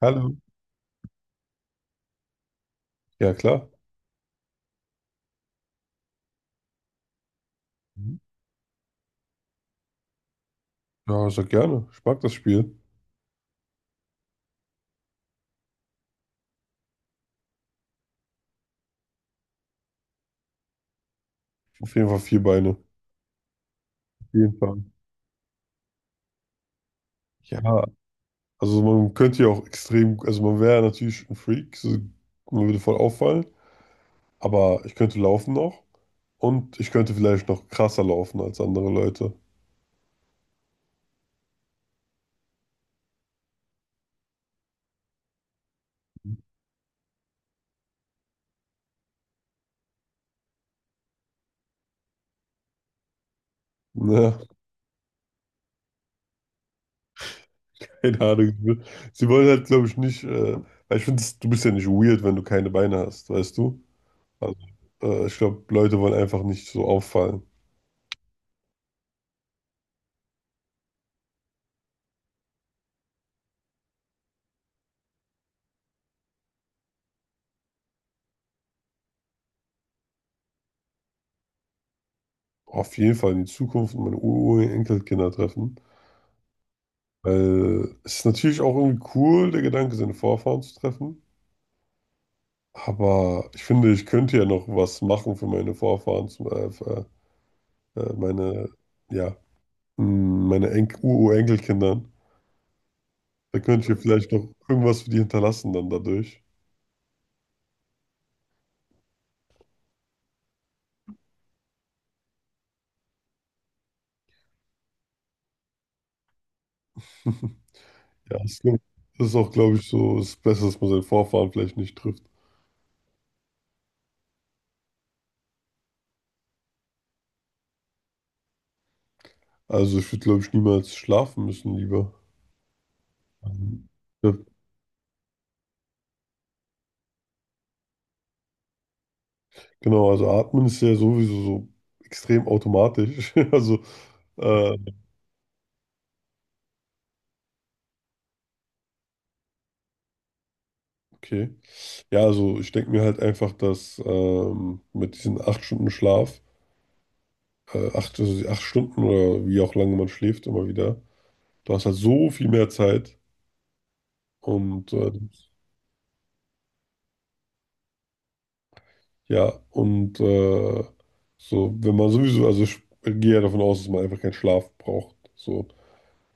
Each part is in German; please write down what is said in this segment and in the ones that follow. Hallo. Ja, klar. Mhm. Ja, sehr gerne. Ich mag das Spiel. Auf jeden Fall vier Beine. Auf jeden Fall. Ja, also man könnte ja auch extrem, also man wäre natürlich ein Freak, so, man würde voll auffallen, aber ich könnte laufen noch und ich könnte vielleicht noch krasser laufen als andere Leute. Ja, keine Ahnung. Sie wollen halt, glaube ich, nicht, weil ich finde, du bist ja nicht weird, wenn du keine Beine hast, weißt du? Also, ich glaube, Leute wollen einfach nicht so auffallen. Auf jeden Fall in die Zukunft und meine Urenkelkinder treffen. Weil es ist natürlich auch irgendwie cool, der Gedanke, seine Vorfahren zu treffen. Aber ich finde, ich könnte ja noch was machen für meine Vorfahren, zum, für, meine, ja, mh, meine Urenkelkindern. Da könnte ich ja vielleicht noch irgendwas für die hinterlassen dann dadurch. Ja, es ist, das ist auch, glaube ich, so das Beste, dass man seinen Vorfahren vielleicht nicht trifft. Also ich würde, glaube ich, niemals schlafen müssen lieber. Ähm, Ja, genau, also atmen ist ja sowieso so extrem automatisch. Also äh, okay. Ja, also ich denke mir halt einfach, dass mit diesen 8 Stunden Schlaf, also die 8 Stunden oder wie auch lange man schläft, immer wieder, du hast halt so viel mehr Zeit. Und ja, und äh, so, wenn man sowieso, also ich gehe ja davon aus, dass man einfach keinen Schlaf braucht. So.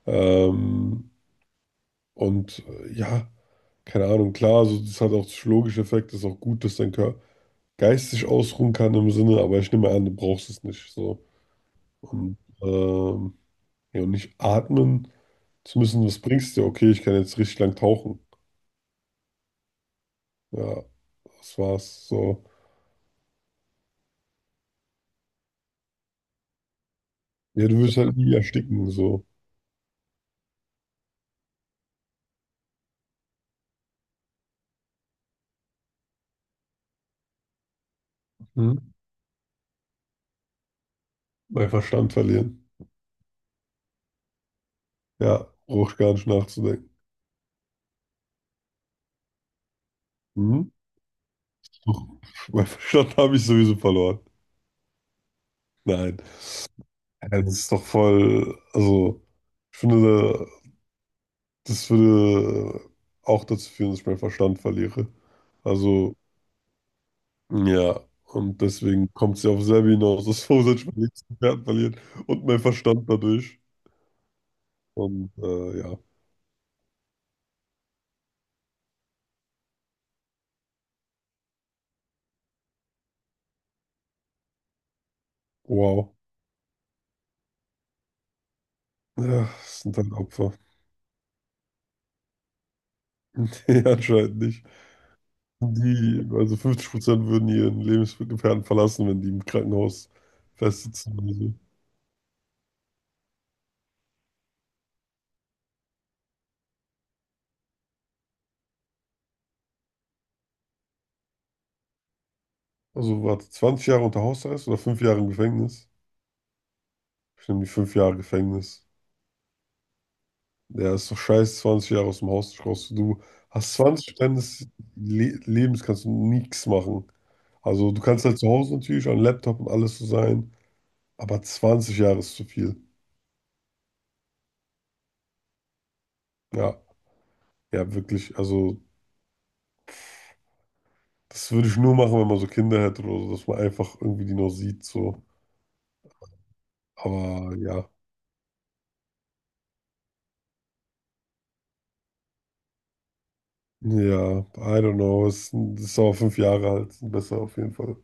Ähm, ja, keine Ahnung, klar, so, das hat auch psychologische Effekte, ist auch gut, dass dein Körper geistig ausruhen kann im Sinne, aber ich nehme an, du brauchst es nicht. So. Und ähm, Ja, und nicht atmen zu müssen, was bringst dir? Okay, ich kann jetzt richtig lang tauchen. Ja, das war's. So. Ja, du wirst halt nie ersticken, so. Mhm. Mein Verstand verlieren. Ja, brauche ich gar nicht nachzudenken. Mhm. Doch, mein Verstand habe ich sowieso verloren. Nein. Ja, das ist doch voll. Also, ich finde, das würde auch dazu führen, dass ich meinen Verstand verliere. Also, ja, und deswegen kommt sie auf selbe hinaus, dass Fosage mein liebsten Pferd verliert und mein Verstand dadurch. Und ja, wow. Ja, das sind halt Opfer. Die anscheinend nicht. Also 50% würden ihren Lebensgefährten verlassen, wenn die im Krankenhaus festsitzen oder so. Also warte, 20 Jahre unter Hausarrest oder 5 Jahre im Gefängnis? Ich nehme die 5 Jahre Gefängnis. Ja, ist doch scheiße, 20 Jahre aus dem Haus nicht raus. Du hast 20 deines Le Lebens, kannst du nichts machen. Also du kannst halt zu Hause natürlich an Laptop und alles so sein, aber 20 Jahre ist zu viel. Ja, ja, wirklich. Also das würde ich nur machen, wenn man so Kinder hätte oder so, dass man einfach irgendwie die noch sieht, so. Aber ja, ja, I don't know. Es ist aber 5 Jahre alt, sind besser auf jeden Fall.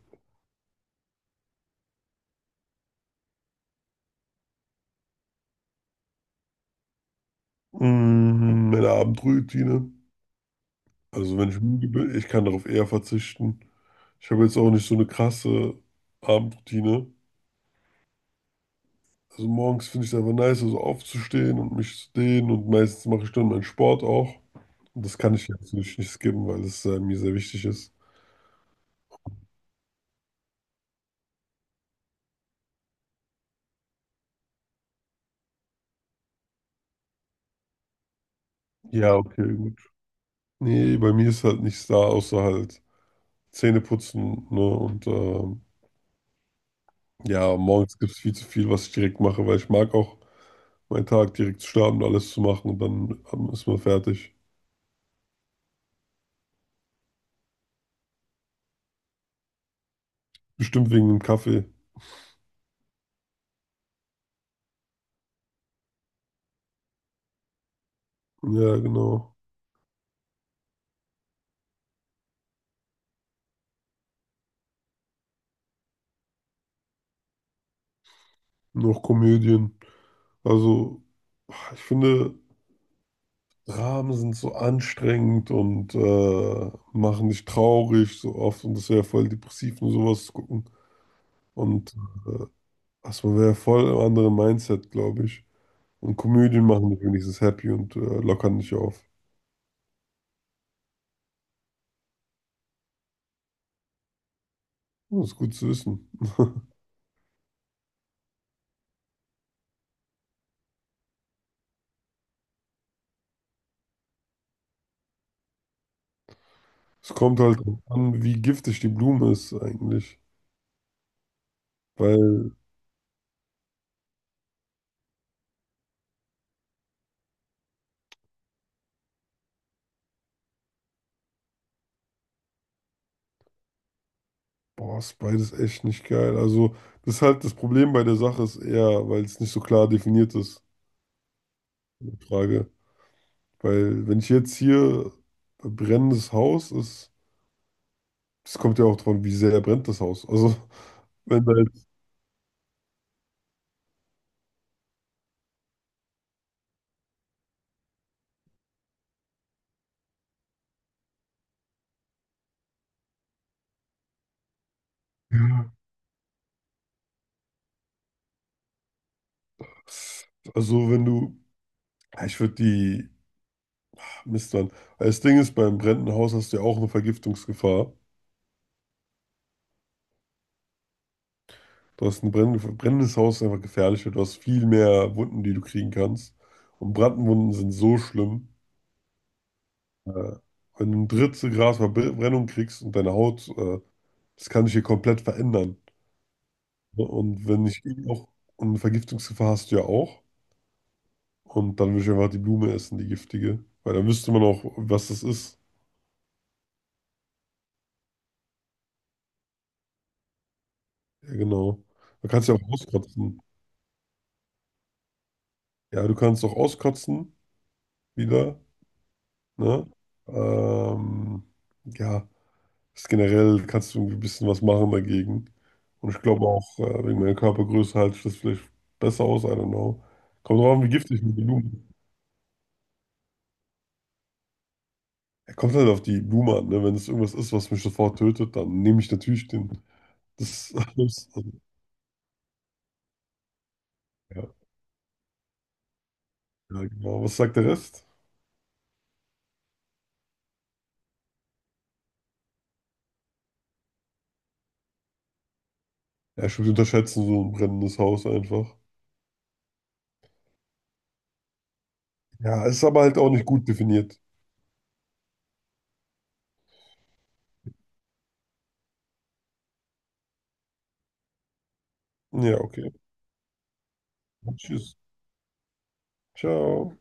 Mhm, meine Abendroutine. Also wenn ich müde bin, ich kann darauf eher verzichten. Ich habe jetzt auch nicht so eine krasse Abendroutine. Also morgens finde ich es einfach nice, also aufzustehen und mich zu dehnen und meistens mache ich dann meinen Sport auch. Und das kann ich jetzt nicht skippen, weil es mir sehr wichtig ist. Ja, okay, gut. Nee, bei mir ist halt nichts da, außer halt Zähne putzen, ne? Und ja, morgens gibt es viel zu viel, was ich direkt mache, weil ich mag auch meinen Tag direkt zu starten und alles zu machen und dann ist man fertig. Bestimmt wegen dem Kaffee. Ja, genau. Noch Komödien. Also, ich finde. Dramen sind so anstrengend und machen dich traurig so oft und das wäre voll depressiv und sowas zu gucken. Und also man wäre voll im anderen Mindset, glaube ich. Und Komödien machen dich wenigstens happy und lockern dich auf. Das ist gut zu wissen. Es kommt halt drauf an, wie giftig die Blume ist eigentlich. Weil, boah, ist beides echt nicht geil. Also, das ist halt das Problem bei der Sache ist eher, weil es nicht so klar definiert ist, die Frage. Weil wenn ich jetzt hier brennendes Haus ist, das kommt ja auch davon wie sehr brennt das Haus. Also wenn da jetzt, ja. Also wenn du, ja, ich würde die, Mist, Mann. Weil das Ding ist, beim brennenden Haus hast du ja auch eine Vergiftungsgefahr. Du hast ein brennendes Haus ist einfach gefährlich, weil du hast viel mehr Wunden, die du kriegen kannst. Und Brandwunden sind so schlimm. Äh, Wenn du ein Drittel Grad Verbrennung kriegst und deine Haut, das kann sich hier komplett verändern. Und wenn ich eh auch und Vergiftungsgefahr hast du ja auch. Und dann würde ich einfach die Blume essen, die giftige. Weil dann wüsste man auch, was das ist. Ja, genau. Man kann es ja auch auskotzen. Ja, du kannst auch auskotzen wieder. Ne? Ähm, ja, ist generell kannst du irgendwie ein bisschen was machen dagegen. Und ich glaube auch, wegen meiner Körpergröße halte ich das vielleicht besser aus. I don't know. Kommt drauf an, wie giftig die Blume ist. Er kommt halt auf die Blume an. Ne? Wenn es irgendwas ist, was mich sofort tötet, dann nehme ich natürlich den. Das, das, ja, ja, genau. Was sagt der Rest? Ja, stimmt, die unterschätzen so ein brennendes Haus einfach. Ja, ist aber halt auch nicht gut definiert. Ja, okay. Tschüss. Ciao.